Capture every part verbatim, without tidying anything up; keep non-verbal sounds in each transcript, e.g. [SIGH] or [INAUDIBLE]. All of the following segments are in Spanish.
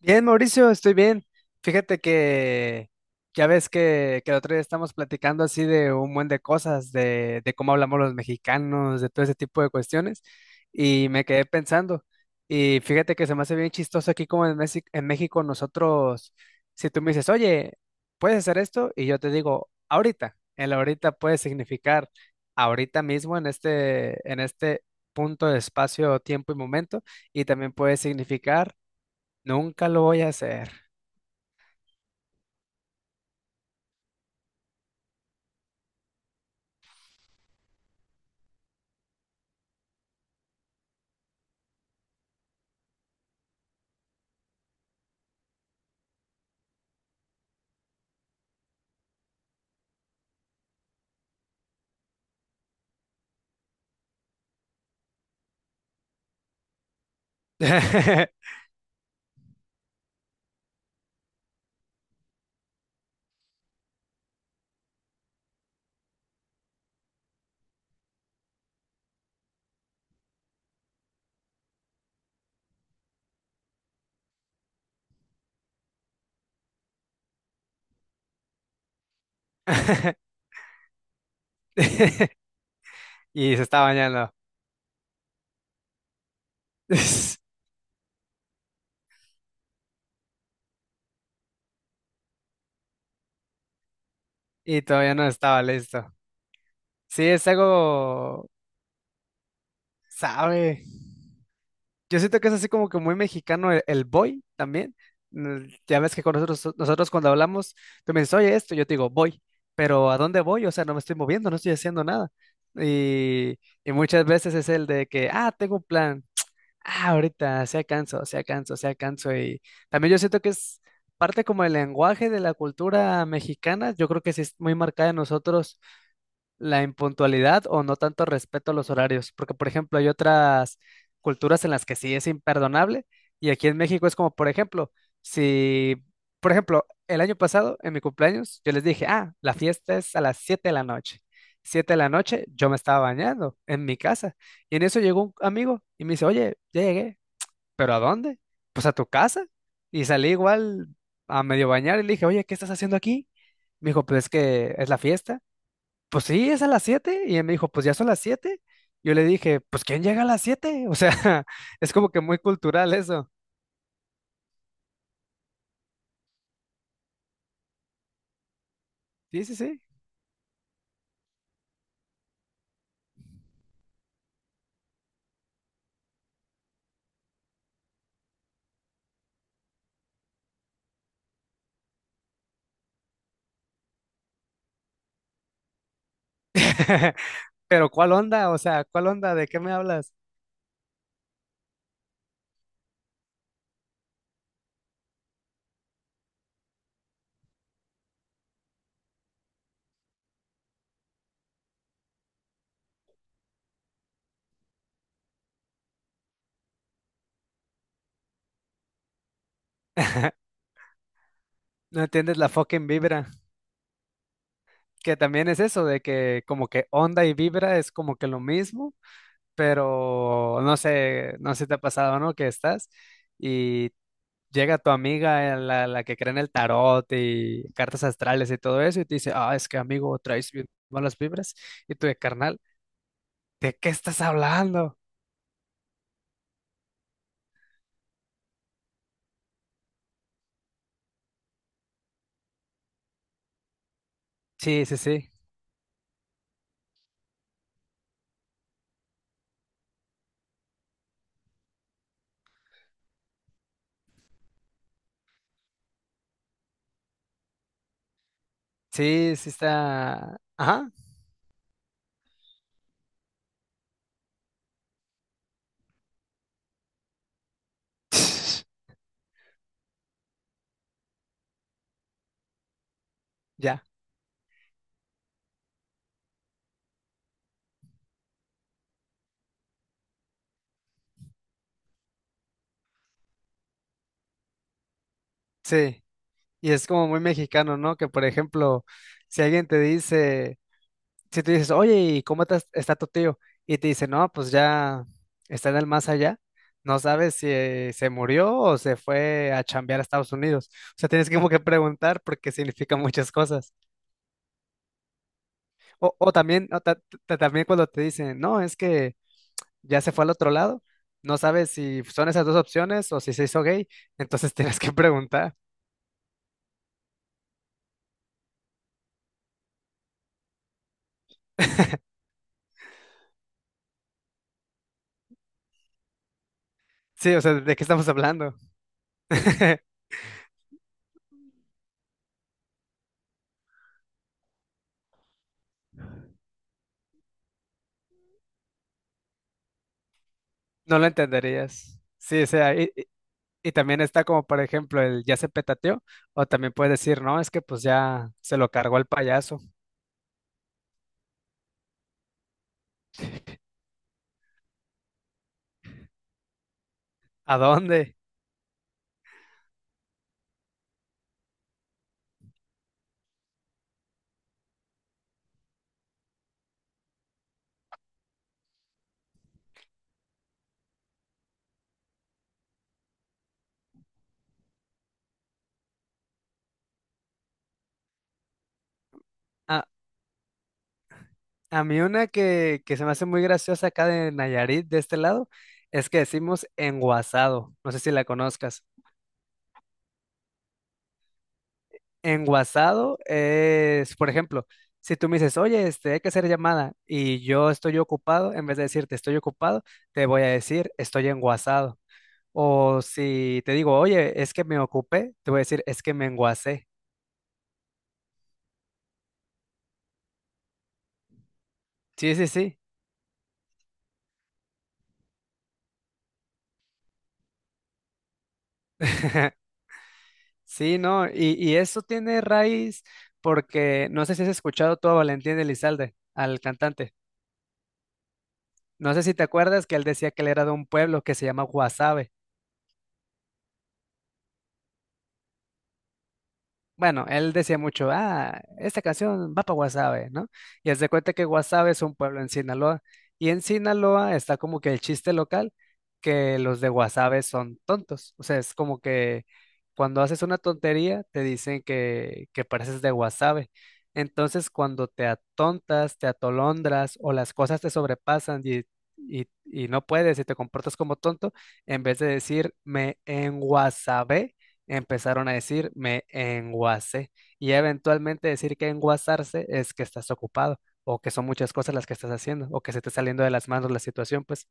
Bien, Mauricio, estoy bien. Fíjate que ya ves que, que el otro día estamos platicando así de un buen de cosas, de, de cómo hablamos los mexicanos, de todo ese tipo de cuestiones, y me quedé pensando. Y fíjate que se me hace bien chistoso aquí como en México, en México nosotros, si tú me dices, oye, ¿puedes hacer esto? Y yo te digo, ahorita. El ahorita puede significar ahorita mismo en este, en este punto de espacio, tiempo y momento, y también puede significar nunca lo voy a hacer. [LAUGHS] Y se está bañando. [LAUGHS] Y todavía no estaba listo. Sí, es algo, sabe. Yo siento que es así como que muy mexicano el, el boy también. Mm, ya ves que con nosotros, nosotros cuando hablamos, tú me dices, oye, esto, yo te digo, voy. Pero ¿a dónde voy? O sea, no me estoy moviendo, no estoy haciendo nada. Y, y muchas veces es el de que, ah, tengo un plan. Ah, ahorita, se canso, se canso, se canso. Y también yo siento que es parte como el lenguaje de la cultura mexicana. Yo creo que sí es muy marcada en nosotros la impuntualidad o no tanto respeto a los horarios. Porque, por ejemplo, hay otras culturas en las que sí es imperdonable. Y aquí en México es como, por ejemplo, si, por ejemplo, el año pasado, en mi cumpleaños, yo les dije, ah, la fiesta es a las siete de la noche. Siete de la noche, yo me estaba bañando en mi casa. Y en eso llegó un amigo y me dice, oye, ya llegué. ¿Pero a dónde? Pues a tu casa. Y salí igual a medio bañar y le dije, oye, ¿qué estás haciendo aquí? Me dijo, pues es que es la fiesta. Pues sí, es a las siete. Y él me dijo, pues ya son las siete. Yo le dije, pues ¿quién llega a las siete? O sea, [LAUGHS] es como que muy cultural eso. Sí, sí, sí. [LAUGHS] Pero ¿cuál onda? O sea, ¿cuál onda? ¿De qué me hablas? [LAUGHS] No entiendes la fucking vibra. Que también es eso, de que como que onda y vibra es como que lo mismo. Pero no sé, no sé si te ha pasado, ¿no? Que estás y llega tu amiga, eh, la, la que cree en el tarot y cartas astrales y todo eso, y te dice, ah, es que amigo, traes bien malas vibras, y tú de carnal, ¿de qué estás hablando? Sí, sí, sí, sí, sí está, ajá. [LAUGHS] Ya, sí, y es como muy mexicano, ¿no? Que por ejemplo, si alguien te dice si tú dices, oye, ¿y cómo te- está tu tío? Y te dice, no, pues ya está en el más allá. No sabes si eh, se murió o se fue a chambear a Estados Unidos. O sea, tienes que como que preguntar porque significa muchas cosas. O, o también, o ta- ta- también cuando te dicen, no, es que ya se fue al otro lado. No sabes si son esas dos opciones o si se hizo gay. Entonces [LAUGHS] tienes que preguntar. Sí, o sea, ¿de qué estamos hablando? [LAUGHS] No lo entenderías. Sí, o sea, i- Y también está como, por ejemplo, el ya se petateó, o también puedes decir, no, es que pues ya se lo cargó el payaso. ¿A dónde? A, a mí una que, que se me hace muy graciosa acá de Nayarit, de este lado, es que decimos enguasado, no sé si la conozcas. Enguasado es, por ejemplo, si tú me dices, oye, este, hay que hacer llamada, y yo estoy ocupado, en vez de decirte estoy ocupado, te voy a decir estoy enguasado. O si te digo, oye, es que me ocupé, te voy a decir es que me enguasé. Sí, sí, sí. [LAUGHS] Sí, no, y, y eso tiene raíz porque no sé si has escuchado tú a Valentín Elizalde, al cantante. No sé si te acuerdas que él decía que él era de un pueblo que se llama Guasave. Bueno, él decía mucho, ah, esta canción va para Guasave, ¿no? Y haz de cuenta que Guasave es un pueblo en Sinaloa. Y en Sinaloa está como que el chiste local que los de Guasave son tontos. O sea, es como que cuando haces una tontería te dicen que, que pareces de Guasave. Entonces, cuando te atontas, te atolondras o las cosas te sobrepasan y, y, y no puedes y te comportas como tonto, en vez de decir me enguasabé, empezaron a decir me enguacé y eventualmente decir que enguasarse es que estás ocupado o que son muchas cosas las que estás haciendo o que se te está saliendo de las manos la situación, pues.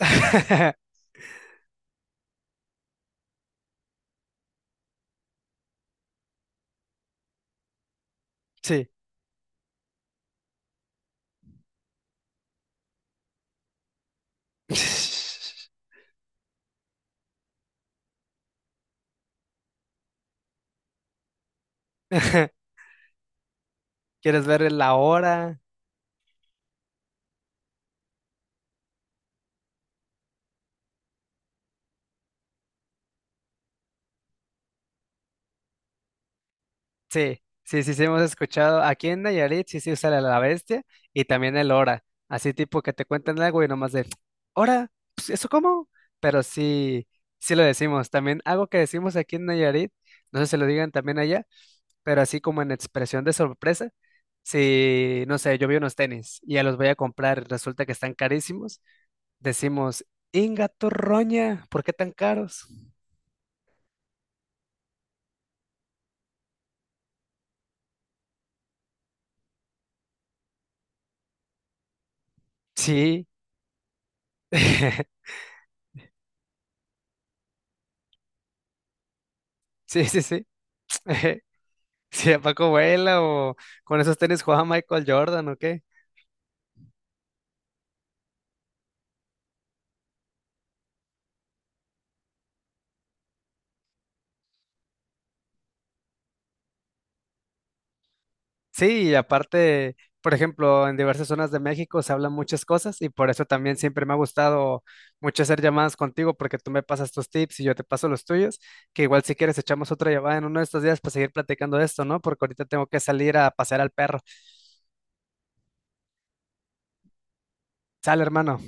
[LAUGHS] Sí. [LAUGHS] ¿Quieres ver la hora? Sí, sí, sí, sí, hemos escuchado. Aquí en Nayarit sí se usa la la bestia y también el hora. Así tipo que te cuentan algo y nomás de, ¿hora? Pues, ¿eso cómo? Pero sí, sí lo decimos. También algo que decimos aquí en Nayarit, no sé si lo digan también allá, pero así como en expresión de sorpresa, si, no sé, yo vi unos tenis y ya los voy a comprar, resulta que están carísimos, decimos, Inga Torroña, ¿por qué tan caros? Sí, [LAUGHS] sí, sí, sí. [LAUGHS] Sí, a Paco Vela o con esos tenis jugaba Michael Jordan, ¿o qué? Sí, y aparte, por ejemplo, en diversas zonas de México se hablan muchas cosas y por eso también siempre me ha gustado mucho hacer llamadas contigo porque tú me pasas tus tips y yo te paso los tuyos, que igual si quieres echamos otra llamada en uno de estos días para seguir platicando de esto, ¿no? Porque ahorita tengo que salir a pasear al perro. Sale, hermano.